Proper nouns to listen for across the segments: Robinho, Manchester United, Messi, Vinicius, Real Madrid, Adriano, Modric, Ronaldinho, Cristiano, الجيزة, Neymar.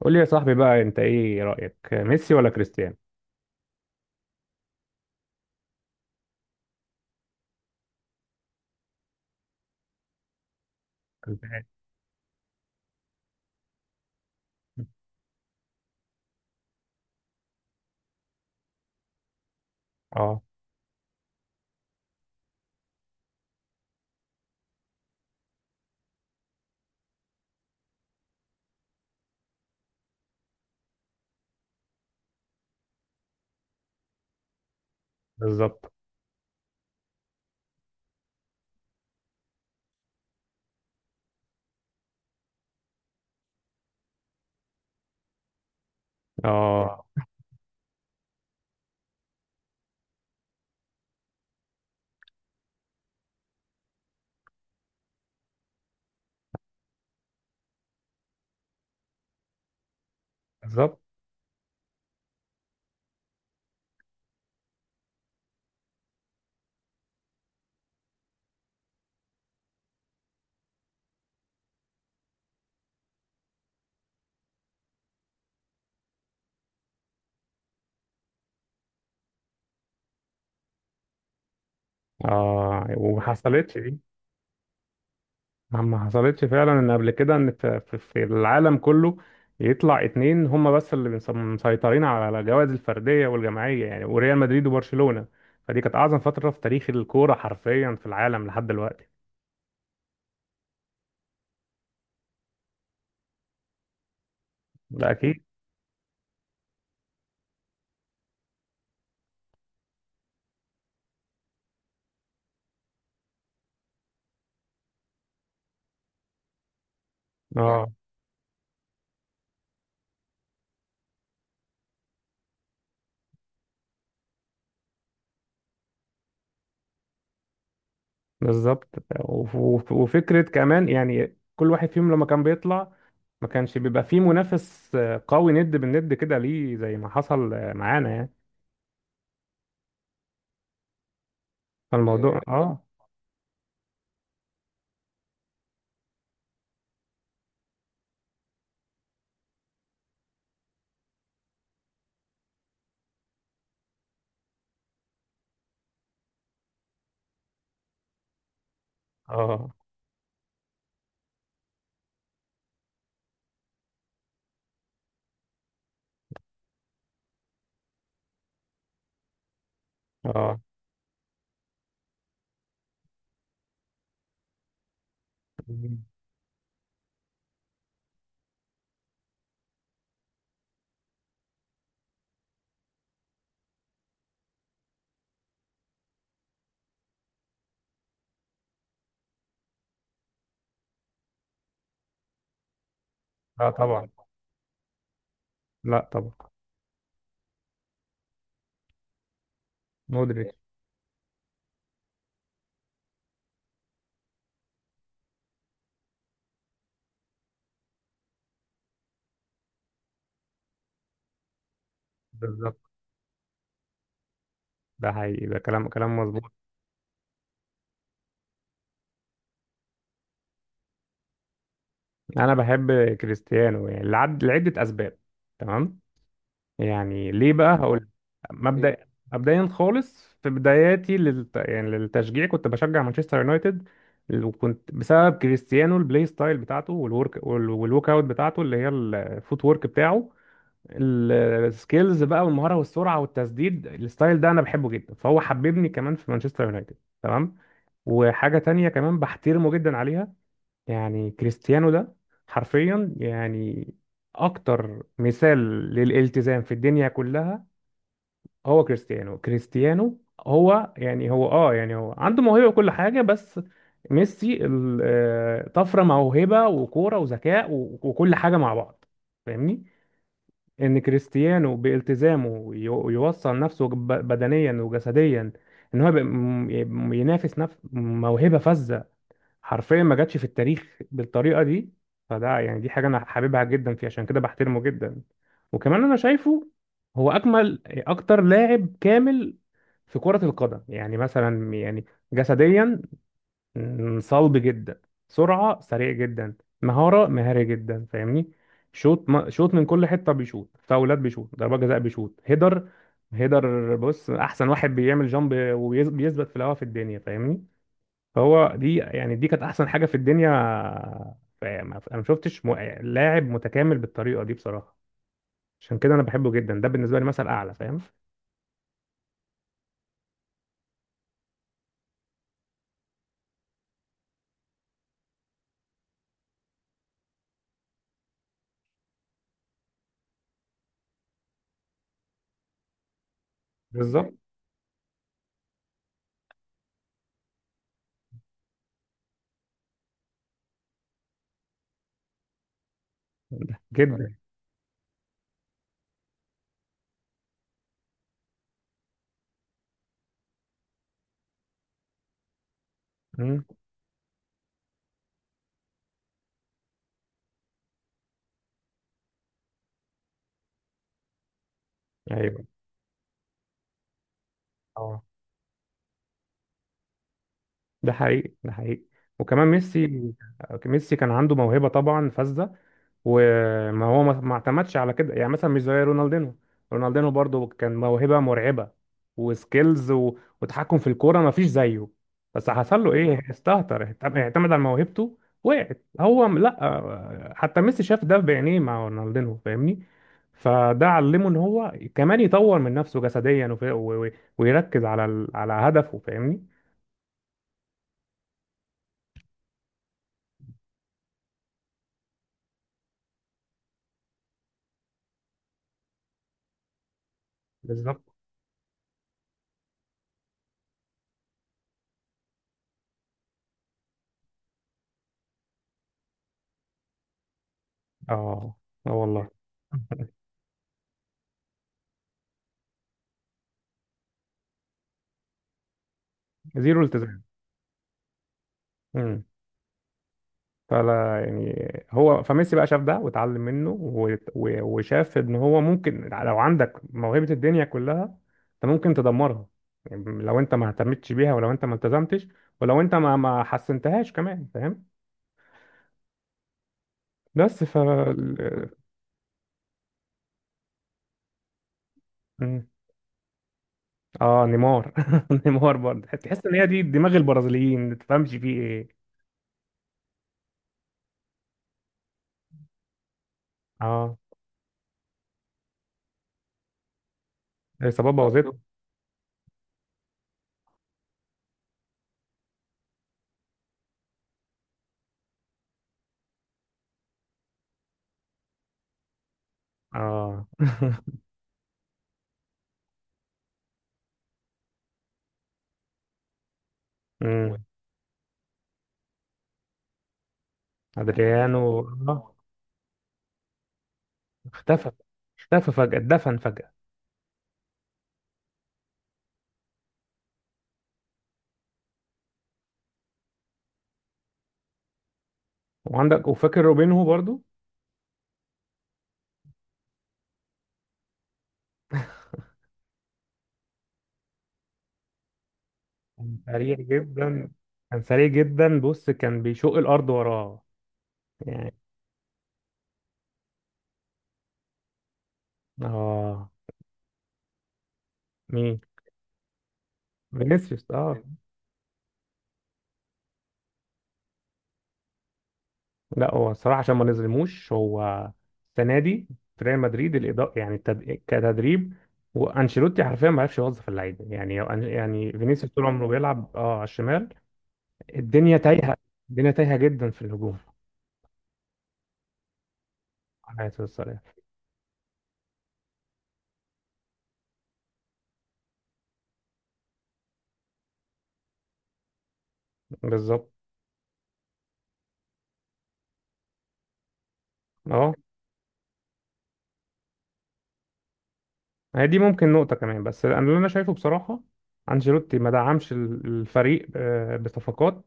قول لي يا صاحبي بقى، انت ايه رأيك؟ ميسي ولا كريستيانو كسبان؟ اه. بالظبط. اه. بالظبط. اه، وما حصلتش دي. ما حصلتش فعلا ان قبل كده، ان في العالم كله يطلع اتنين هما بس اللي مسيطرين على الجوائز الفردية والجماعية، يعني، وريال مدريد وبرشلونة. فدي كانت اعظم فترة في تاريخ الكورة حرفيا في العالم لحد دلوقتي. ده اكيد. اه، بالظبط. وفكرة كمان، يعني كل واحد فيهم لما كان بيطلع ما كانش بيبقى فيه منافس قوي ند بالند كده، ليه زي ما حصل معانا يعني. فالموضوع. اه، اه، اه. لا طبعا. لا طبعا. مودريتش. بالظبط. ده حقيقي، ده كلام كلام مظبوط. انا بحب كريستيانو، يعني لعدة اسباب. تمام. يعني ليه بقى؟ اه هقول مبدأ مبدئيا خالص، في بداياتي يعني للتشجيع كنت بشجع مانشستر يونايتد. وكنت بسبب كريستيانو، البلاي ستايل بتاعته والورك والووك اوت بتاعته اللي هي الفوت وورك بتاعه. ال- السكيلز بقى والمهارة والسرعة والتسديد، الستايل ده انا بحبه جدا، فهو حببني كمان في مانشستر يونايتد. تمام. وحاجة تانية كمان بحترمه جدا عليها. يعني كريستيانو ده حرفيا، يعني اكتر مثال للالتزام في الدنيا كلها هو كريستيانو. كريستيانو هو يعني هو يعني هو عنده موهبة وكل حاجة، بس ميسي طفرة موهبة وكورة وذكاء وكل حاجة مع بعض. فاهمني؟ ان كريستيانو بالتزامه يوصل نفسه بدنيا وجسديا، ان هو يبقى ينافس نفس موهبة فذة حرفيا ما جاتش في التاريخ بالطريقه دي. فده يعني دي حاجه انا حاببها جدا فيه، عشان كده بحترمه جدا. وكمان انا شايفه هو اجمل اكتر لاعب كامل في كره القدم، يعني مثلا يعني جسديا، صلب جدا، سرعه سريع جدا، مهاره مهاري جدا، فاهمني؟ شوط شوط من كل حته، بيشوط فاولات، بيشوط ضربات جزاء، بيشوط هيدر. هيدر بص، احسن واحد بيعمل جامب وبيثبت في الهوا في الدنيا، فاهمني؟ فهو دي يعني دي كانت احسن حاجه في الدنيا. انا ما شفتش لاعب متكامل بالطريقه دي بصراحه. عشان كده انا بحبه جدا، ده بالنسبه لي مثل اعلى، فاهم؟ بالظبط جدا. مم. ايوه. اه، ده حقيقي، ده حقيقي. وكمان ميسي، كان عنده موهبة طبعا فذة. وما هو ما اعتمدش على كده، يعني مثلا مش زي رونالدينو. رونالدينو برضو كان موهبة مرعبة وسكيلز وتحكم في الكورة ما فيش زيه. بس حصل له ايه؟ استهتر، اعتمد اعتمد على موهبته، وقعت. لا حتى ميسي شاف ده بعينيه مع رونالدينو، فاهمني؟ فده علمه ان هو كمان يطور من نفسه جسديا ويركز على على هدفه، فاهمني؟ بالظبط. اه. اه والله، زيرو التزام. امم فلا يعني هو. فميسي بقى شاف ده واتعلم منه، وشاف ان هو ممكن لو عندك موهبة الدنيا كلها انت ممكن تدمرها، يعني لو انت ما اهتمتش بيها، ولو انت ما التزمتش، ولو انت ما حسنتهاش كمان، فاهم؟ بس ف مم. اه، نيمار. نيمار برضه تحس ان هي دي دماغ البرازيليين، ما تفهمش فيه ايه. اه، الاصابات بوظته. اه. امم. ادريانو. آه. اختفى. اختفى فجأة، اتدفن فجأة. وعندك، وفاكر روبينهو برضو؟ كان سريع جدا، كان سريع جدا، بص كان بيشق الأرض وراه يعني. اه. مين؟ فينيسيوس. اه لا هو الصراحة عشان ما نظلموش، هو السنة دي في ريال مدريد الإدارة يعني كتدريب وانشيلوتي حرفيا ما عرفش يوظف اللعيبه يعني. يعني فينيسيوس طول عمره بيلعب على الشمال. الدنيا تايهه، الدنيا تايهه جدا في الهجوم. على الصراحه. بالظبط. اه، هي دي ممكن نقطة كمان، بس أنا اللي أنا شايفه بصراحة أنشيلوتي ما دعمش الفريق بصفقات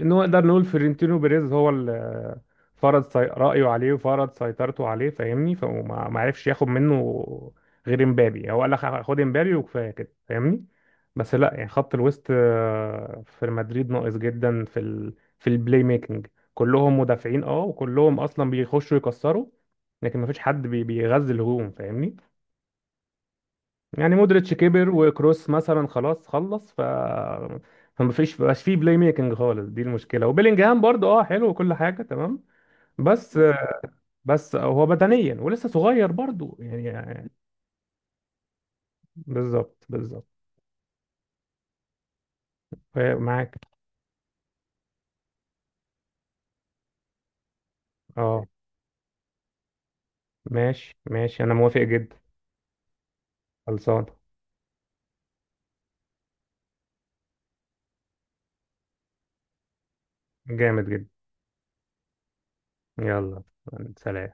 إن هو نقدر نقول فيرنتينو بيريز هو اللي فرض رأيه عليه وفرض سيطرته عليه، فاهمني؟ فما ما عرفش ياخد منه غير امبابي. هو قال لك خد امبابي وكفاية كده، فاهمني؟ بس لا يعني خط الوسط في مدريد ناقص جدا في في البلاي ميكنج. كلهم مدافعين، وكلهم أصلا بيخشوا يكسروا، لكن ما فيش حد بيغذي الهجوم، فاهمني؟ يعني مودريتش كبر وكروس مثلا خلاص خلص. ف فما فيش مبقاش فيه بلاي ميكنج خالص، دي المشكله. وبيلينجهام برضو حلو وكل حاجه تمام، بس. بس هو بدنيا ولسه صغير برضو، يعني. بالظبط، بالظبط. آه، معاك. اه، ماشي ماشي، انا موافق جدا. خلصان. جامد جدا. يلا. سلام.